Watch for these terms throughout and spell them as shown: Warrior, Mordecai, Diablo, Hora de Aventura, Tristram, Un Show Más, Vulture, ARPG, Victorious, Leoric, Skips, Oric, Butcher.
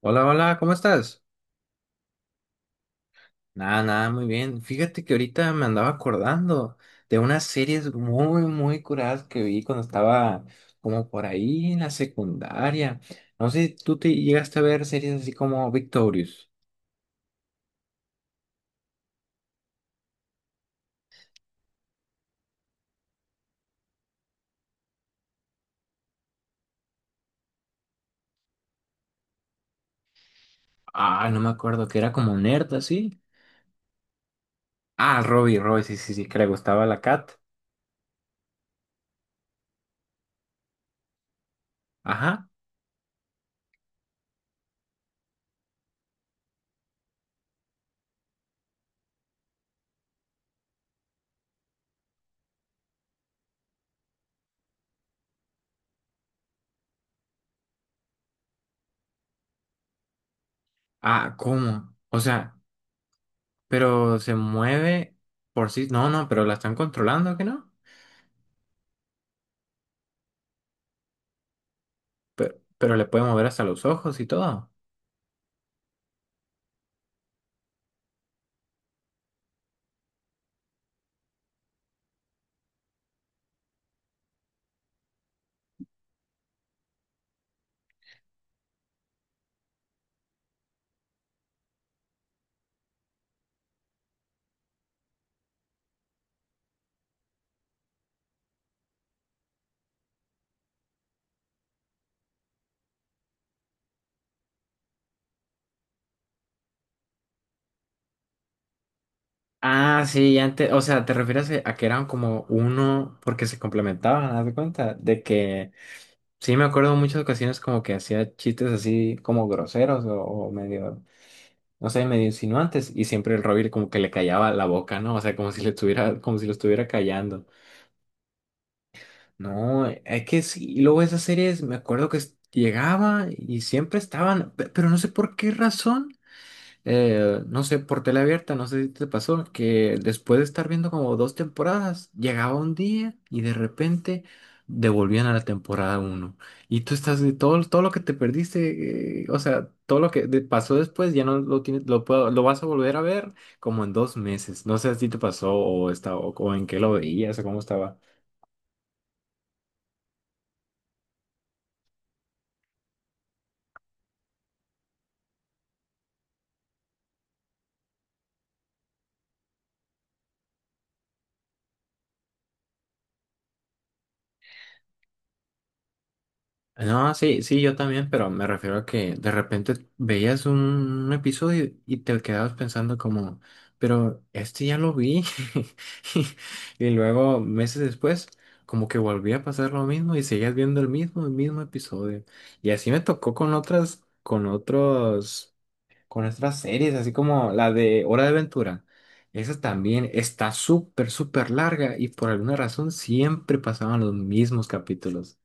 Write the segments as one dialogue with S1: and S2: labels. S1: Hola, hola, ¿cómo estás? Nada, nada, muy bien. Fíjate que ahorita me andaba acordando de unas series muy, muy curadas que vi cuando estaba como por ahí en la secundaria. No sé, ¿tú te llegaste a ver series así como Victorious? Ah, no me acuerdo, que era como nerd así. Ah, Robbie, Robbie, sí, sí, sí, que le gustaba la Cat. Ajá. Ah, ¿cómo? O sea, pero se mueve por sí. No, no, pero la están controlando, ¿que no? Pero le puede mover hasta los ojos y todo. Ah, sí, y antes, o sea, te refieres a que eran como uno porque se complementaban, haz de cuenta, de que sí me acuerdo en muchas ocasiones como que hacía chistes así como groseros o medio, no sé, medio insinuantes y siempre el Robin como que le callaba la boca, ¿no? O sea, como si le estuviera, como si lo estuviera callando. No, es que sí, y luego esas series me acuerdo que llegaba y siempre estaban, pero no sé por qué razón. No sé, por tele abierta, no sé si te pasó, que después de estar viendo como dos temporadas, llegaba un día y de repente devolvían a la temporada uno. Y tú estás de todo, todo lo que te perdiste, o sea, todo lo que pasó después ya no lo tienes, lo vas a volver a ver como en dos meses. No sé si te pasó o está, o en qué lo veías o cómo estaba. No, sí, sí, yo también, pero me refiero a que de repente veías un, episodio y te quedabas pensando como, pero este ya lo vi. Y luego, meses después, como que volvía a pasar lo mismo y seguías viendo el mismo episodio. Y así me tocó con otras, con otros, con otras series, así como la de Hora de Aventura. Esa también está súper, súper larga y por alguna razón siempre pasaban los mismos capítulos.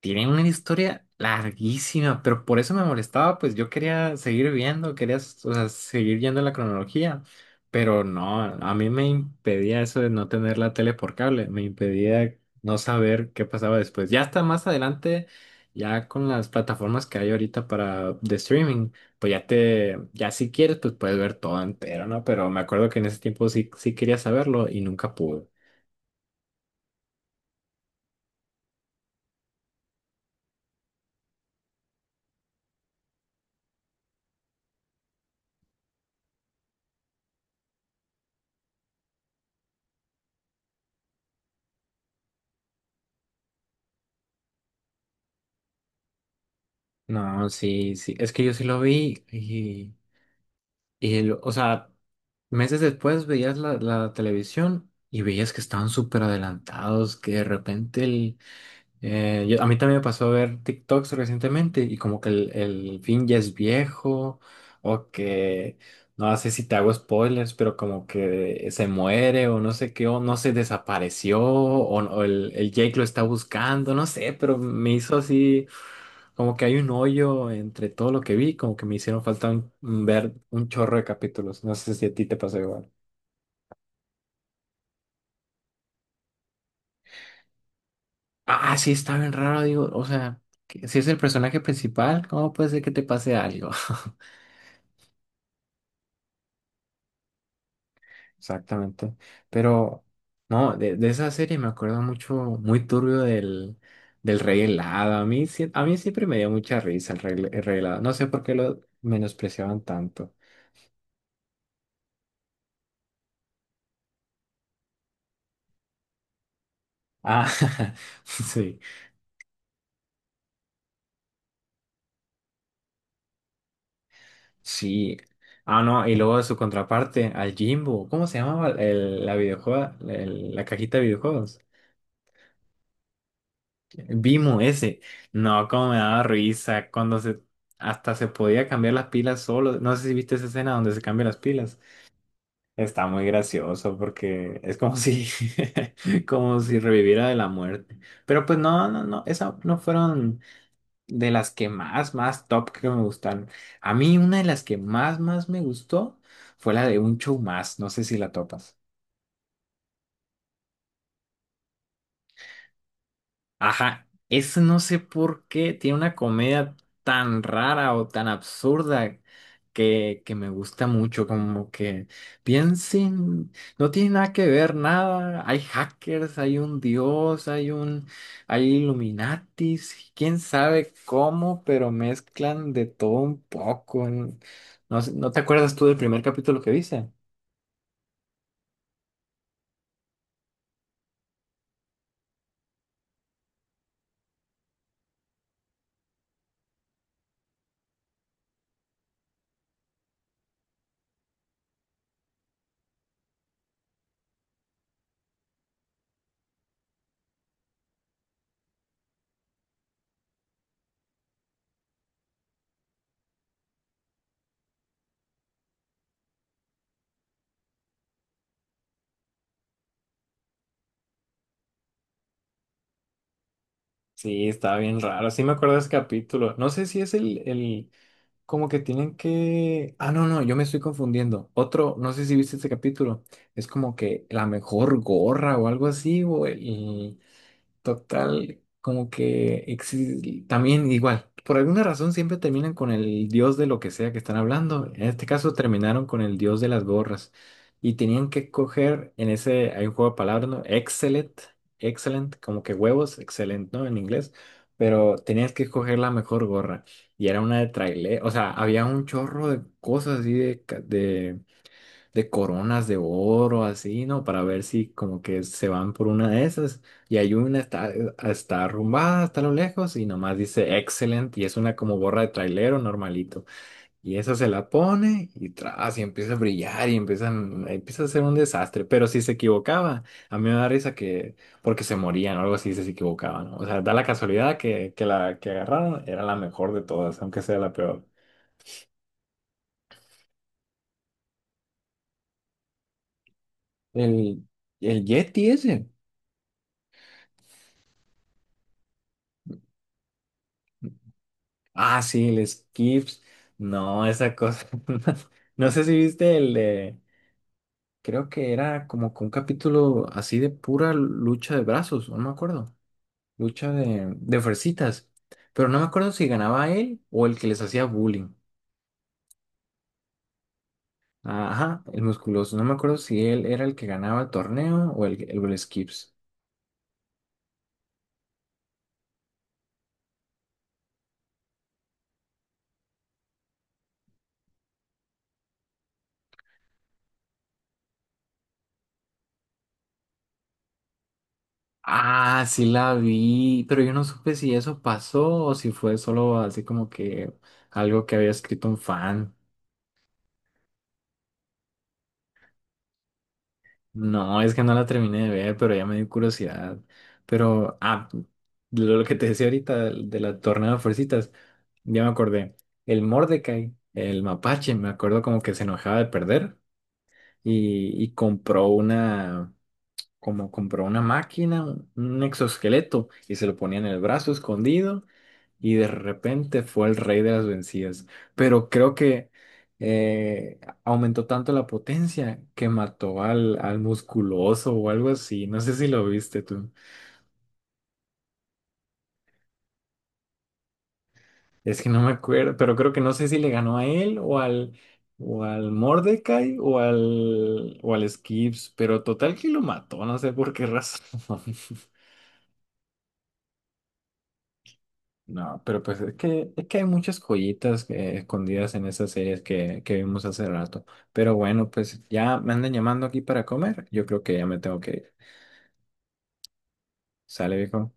S1: Tiene una historia larguísima, pero por eso me molestaba, pues yo quería seguir viendo, quería, o sea, seguir yendo en la cronología, pero no, a mí me impedía eso de no tener la tele por cable, me impedía no saber qué pasaba después. Ya hasta más adelante, ya con las plataformas que hay ahorita para de streaming, pues ya te, ya si quieres, pues puedes ver todo entero, ¿no? Pero me acuerdo que en ese tiempo sí, sí quería saberlo y nunca pude. No, sí, sí, es que yo sí lo vi. Y, o sea, meses después veías la, la televisión y veías que estaban súper adelantados, que de repente el... A mí también me pasó a ver TikToks recientemente y como que el fin ya es viejo o que... No sé si te hago spoilers, pero como que se muere o no sé qué, o no se desapareció, o el Jake lo está buscando, no sé, pero me hizo así como que hay un hoyo entre todo lo que vi, como que me hicieron falta un ver un chorro de capítulos. No sé si a ti te pasó igual. Ah, sí, está bien raro, digo, o sea, si es el personaje principal, ¿cómo puede ser que te pase algo? Exactamente. Pero, no, de esa serie me acuerdo mucho, muy turbio del, del Rey Helado. A mí, a mí siempre me dio mucha risa el Rey Helado. No sé por qué lo menospreciaban tanto. Ah, sí. Sí. Ah, no, y luego su contraparte, al Jimbo. ¿Cómo se llamaba la videojuego, la cajita de videojuegos? Vimo ese. No, cómo me daba risa cuando se hasta se podía cambiar las pilas solo. No sé si viste esa escena donde se cambian las pilas. Está muy gracioso porque es como si como si reviviera de la muerte. Pero pues no, no, no, esa no fueron de las que más, más top que me gustaron. A mí una de las que más, más me gustó fue la de Un Show Más. No sé si la topas. Ajá, eso no sé por qué tiene una comedia tan rara o tan absurda que me gusta mucho, como que piensen, no tiene nada que ver nada, hay hackers, hay un dios, hay un, hay Illuminatis, quién sabe cómo, pero mezclan de todo un poco. No, sé, ¿no te acuerdas tú del primer capítulo que viste? Sí, estaba bien raro, sí me acuerdo de ese capítulo, no sé si es el, el. Como que tienen que... Ah, no, no, yo me estoy confundiendo. Otro, no sé si viste este capítulo, es como que la mejor gorra o algo así, güey. Total, como que también igual, por alguna razón siempre terminan con el dios de lo que sea que están hablando. En este caso terminaron con el dios de las gorras y tenían que coger en ese, hay un juego de palabras, ¿no? Excellent, excellent, como que huevos, excellent, ¿no? En inglés, pero tenías que escoger la mejor gorra y era una de trailer, o sea, había un chorro de cosas así de coronas de oro, así, ¿no? Para ver si como que se van por una de esas. Y hay una, está, está arrumbada hasta lo lejos y nomás dice Excellent y es una como gorra de trailero normalito. Y esa se la pone y tras, y empieza a brillar y empiezan, empieza a ser un desastre. Pero si se equivocaba, a mí me da risa que, porque se morían o algo así, si se equivocaban, ¿no? O sea, da la casualidad que la que agarraron era la mejor de todas, aunque sea la peor. El, el Yeti ese. Ah, sí, el Skips. No, esa cosa. No sé si viste el de. Creo que era como con un capítulo así de pura lucha de brazos, o no me acuerdo. Lucha de fuercitas. Pero no me acuerdo si ganaba él o el que les hacía bullying. Ajá, el musculoso. No me acuerdo si él era el que ganaba el torneo o el Skips. Ah, sí la vi, pero yo no supe si eso pasó o si fue solo así como que algo que había escrito un fan. No, es que no la terminé de ver, pero ya me dio curiosidad. Pero, ah, lo que te decía ahorita de, la tornada de fuercitas, ya me acordé. El Mordecai, el mapache, me acuerdo como que se enojaba de perder y compró una, como compró una máquina, un exoesqueleto y se lo ponía en el brazo escondido y de repente fue el rey de las vencidas. Pero creo que aumentó tanto la potencia que mató al, al musculoso o algo así. No sé si lo viste tú. Es que no me acuerdo, pero creo que no sé si le ganó a él o al Mordecai o al Skips, pero total que lo mató, no sé por qué razón. No, pero pues es que hay muchas joyitas escondidas en esas series que vimos hace rato. Pero bueno, pues ya me andan llamando aquí para comer. Yo creo que ya me tengo que ir. ¿Sale, viejo?